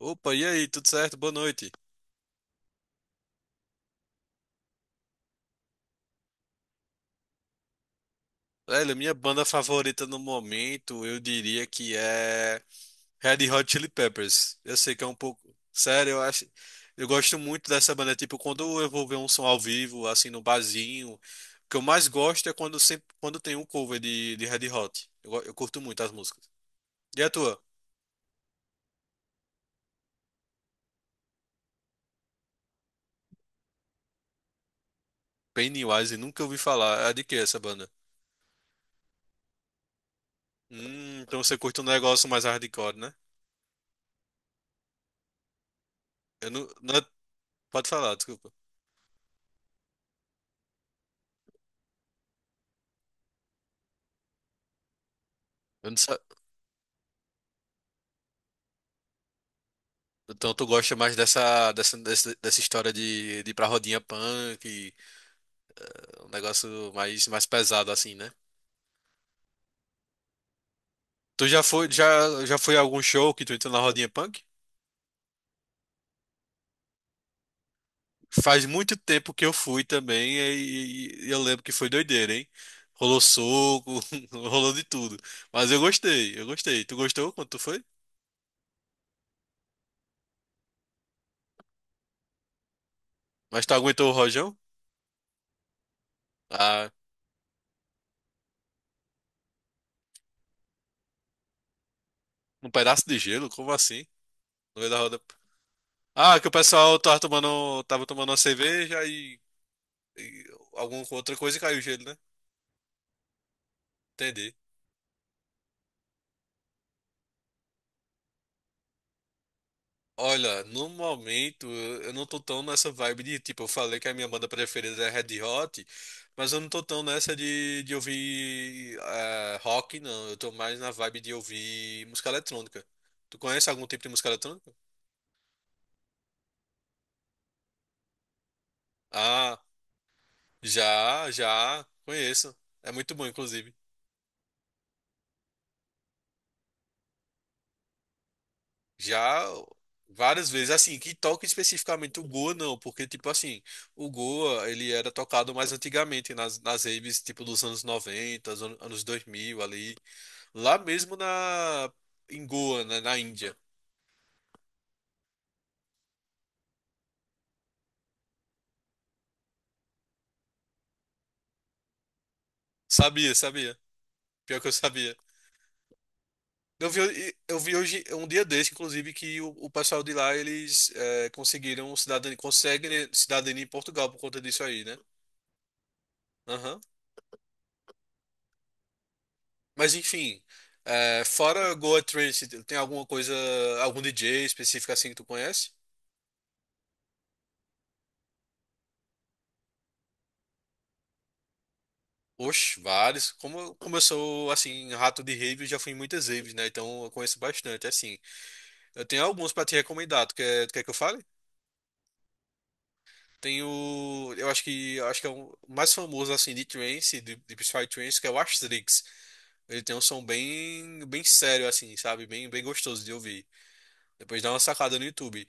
Opa, e aí, tudo certo? Boa noite. Velho, minha banda favorita no momento, eu diria que é Red Hot Chili Peppers. Eu sei que é um pouco. Sério, eu acho. Eu gosto muito dessa banda. Tipo, quando eu vou ver um som ao vivo, assim, no barzinho, o que eu mais gosto é quando, sempre, quando tem um cover de Red Hot. Eu curto muito as músicas. E a tua? Pennywise, nunca ouvi falar. É de que essa banda? Então você curte um negócio mais hardcore, né? Eu não. É, pode falar, desculpa. Eu não sei. Então tu gosta mais dessa história de ir pra rodinha punk, e um negócio mais pesado assim, né? Tu já foi, já foi a algum show que tu entrou na rodinha punk? Faz muito tempo que eu fui também e eu lembro que foi doideira, hein? Rolou soco, rolou de tudo. Mas eu gostei, eu gostei. Tu gostou quando tu foi? Mas tu aguentou o rojão? Ah, um pedaço de gelo? Como assim? No meio da roda. Ah, que o pessoal tava tomando uma cerveja. E alguma outra coisa e caiu o gelo, né? Entendi. Olha, no momento eu não tô tão nessa vibe de, tipo, eu falei que a minha banda preferida é Red Hot, mas eu não tô tão nessa de ouvir rock, não. Eu tô mais na vibe de ouvir música eletrônica. Tu conhece algum tipo de música eletrônica? Ah, já, já, conheço. É muito bom, inclusive. Já várias vezes, assim, que toque especificamente o Goa, não, porque, tipo assim, o Goa, ele era tocado mais antigamente, nas raves, tipo, dos anos 90, anos 2000, ali, lá mesmo na, em Goa, né, na Índia. Sabia, sabia, pior que eu sabia. Eu vi hoje, um dia desse, inclusive, que o pessoal de lá, eles conseguiram cidadania, conseguem cidadania em Portugal por conta disso aí, né? Aham. Mas enfim, é, fora Goa Trance, tem alguma coisa, algum DJ específico assim que tu conhece? Oxe, vários. Como eu sou, assim, rato de rave, eu já fui em muitas raves, né? Então eu conheço bastante, assim. Eu tenho alguns pra te recomendar. Tu quer que eu fale? Tem o... eu acho que é o mais famoso, assim, de trance, de psytrance, que é o Astrix. Ele tem um som bem, bem sério, assim, sabe? Bem, bem gostoso de ouvir. Depois dá uma sacada no YouTube.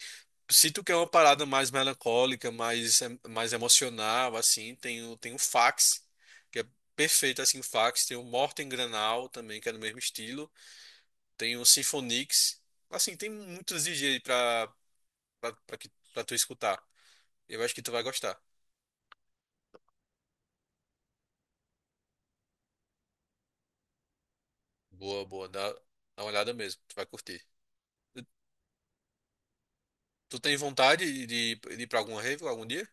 Se tu quer uma parada mais melancólica, mais emocional, assim, tem o, tem o Fax, que é perfeito, assim, o Fax. Tem o Morten Granal também, que é do mesmo estilo. Tem o Symphonix. Assim, tem muitos DJs aí pra, pra, pra tu escutar. Eu acho que tu vai gostar. Boa, boa. Dá, dá uma olhada mesmo. Tu vai curtir. Tu tem vontade de ir pra alguma rave algum dia?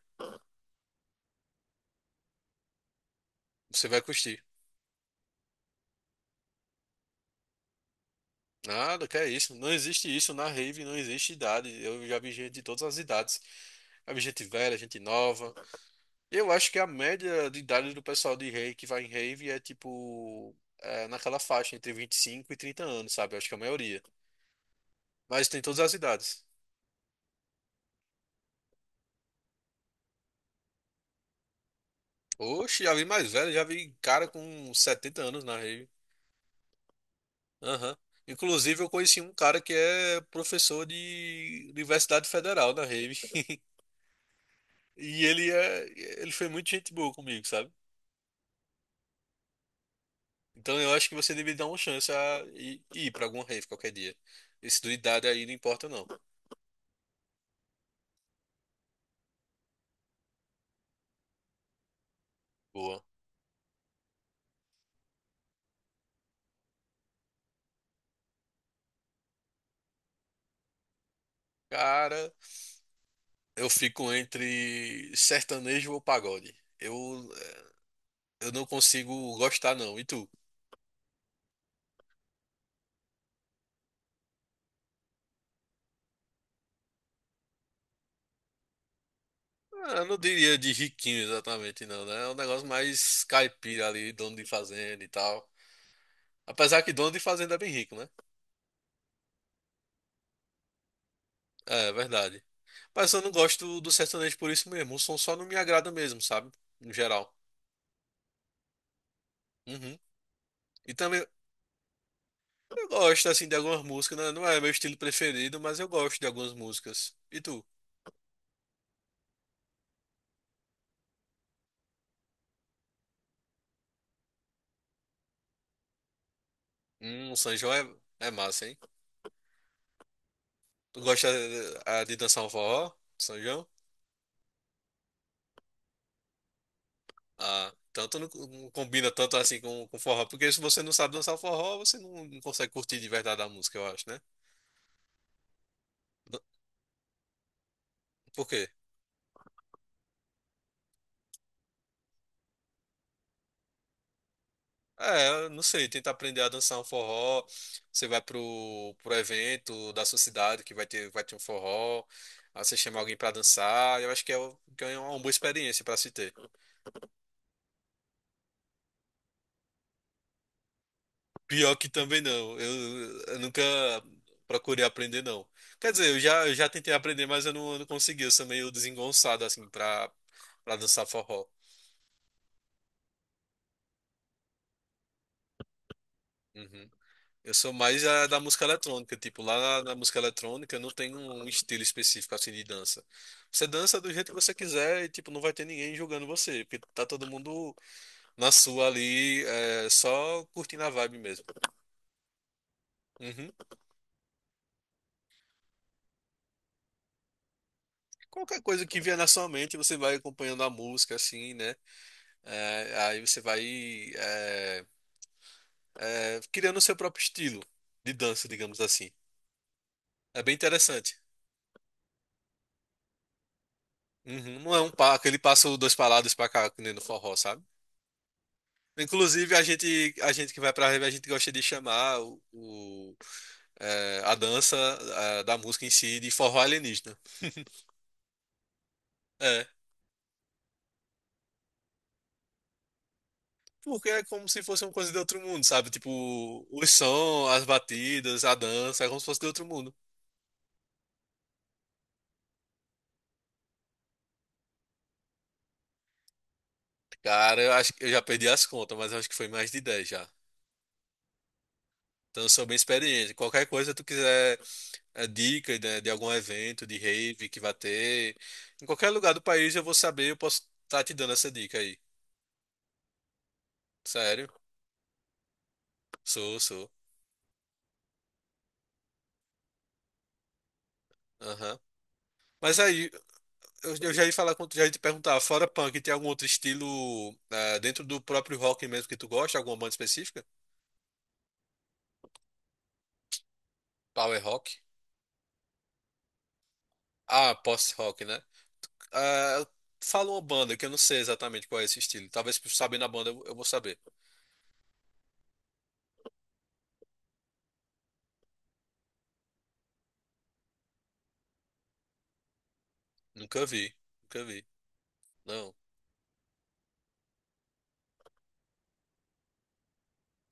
Você vai curtir. Nada, que é isso. Não existe isso na rave, não existe idade. Eu já vi gente de todas as idades. Já vi gente velha, gente nova. Eu acho que a média de idade do pessoal de rave que vai em rave é naquela faixa entre 25 e 30 anos, sabe? Eu acho que é a maioria. Mas tem todas as idades. Oxe, já vi mais velho, já vi cara com 70 anos na rave. Aham. Inclusive, eu conheci um cara que é professor de Universidade Federal na rave. E ele é, ele foi muito gente boa comigo, sabe? Então eu acho que você deveria dar uma chance a ir, ir para alguma rave qualquer dia. Esse do idade aí não importa não. Boa. Cara, eu fico entre sertanejo ou pagode. Eu não consigo gostar não. E tu? Ah, eu não diria de riquinho exatamente não, né? É um negócio mais caipira ali, dono de fazenda e tal. Apesar que dono de fazenda é bem rico, né? É, é verdade. Mas eu não gosto do sertanejo por isso mesmo. O som só não me agrada mesmo, sabe? No geral. Uhum. E também eu gosto, assim, de algumas músicas, né? Não é meu estilo preferido, mas eu gosto de algumas músicas. E tu? O São João é, é massa, hein? Tu gosta dançar um forró, São João? Ah, então tu não, não combina tanto assim com forró, porque se você não sabe dançar forró, você não, não consegue curtir de verdade a música, eu acho, né? N- Por quê? É, eu não sei, tenta aprender a dançar um forró, você vai pro, pro evento da sua cidade que vai ter um forró, aí você chama alguém pra dançar, eu acho que que é uma boa experiência pra se ter. Pior que também não. Eu nunca procurei aprender, não. Quer dizer, eu já tentei aprender, mas eu não consegui. Eu sou meio desengonçado, assim, pra dançar forró. Uhum. Eu sou mais da música eletrônica. Tipo, lá na, na música eletrônica eu não tenho um estilo específico, assim, de dança. Você dança do jeito que você quiser e, tipo, não vai ter ninguém julgando você. Porque tá todo mundo na sua ali, é, só curtindo a vibe mesmo. Uhum. Qualquer coisa que vier na sua mente, você vai acompanhando a música, assim, né? É, aí você vai é, criando o seu próprio estilo de dança, digamos assim. É bem interessante. Uhum, não é um aquele passo dois para lá, dois para cá, que nem no forró, sabe? Inclusive, a gente que vai pra rave, a gente gosta de chamar a dança da música em si de forró alienígena. É, porque é como se fosse uma coisa de outro mundo, sabe? Tipo, os sons, as batidas, a dança, é como se fosse de outro mundo. Cara, eu acho que eu já perdi as contas, mas eu acho que foi mais de 10 já. Então, eu sou bem experiente. Qualquer coisa tu quiser dica né, de algum evento, de rave que vai ter, em qualquer lugar do país eu vou saber, eu posso estar te dando essa dica aí. Sério? Sou, sou. Aham. Mas aí, eu já ia falar com, já ia te perguntar, fora punk, tem algum outro estilo dentro do próprio rock mesmo que tu gosta? Alguma banda específica? Power rock? Ah, post-rock, né? Ah, fala uma banda que eu não sei exatamente qual é esse estilo. Talvez sabendo a banda eu vou saber. Nunca vi, nunca vi. Não.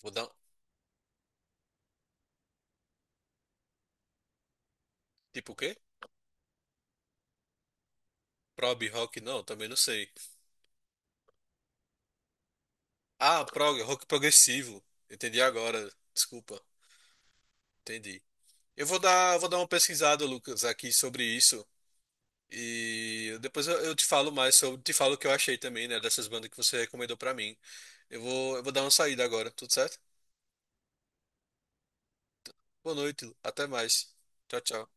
Vou dar um tipo o quê? Prog rock? Não, também não sei. Ah, prog, rock progressivo. Entendi agora. Desculpa. Entendi. Eu vou dar uma pesquisada, Lucas, aqui sobre isso. E depois eu te falo mais sobre, te falo o que eu achei também, né, dessas bandas que você recomendou pra mim. Eu vou dar uma saída agora, tudo certo? Boa noite, até mais. Tchau, tchau.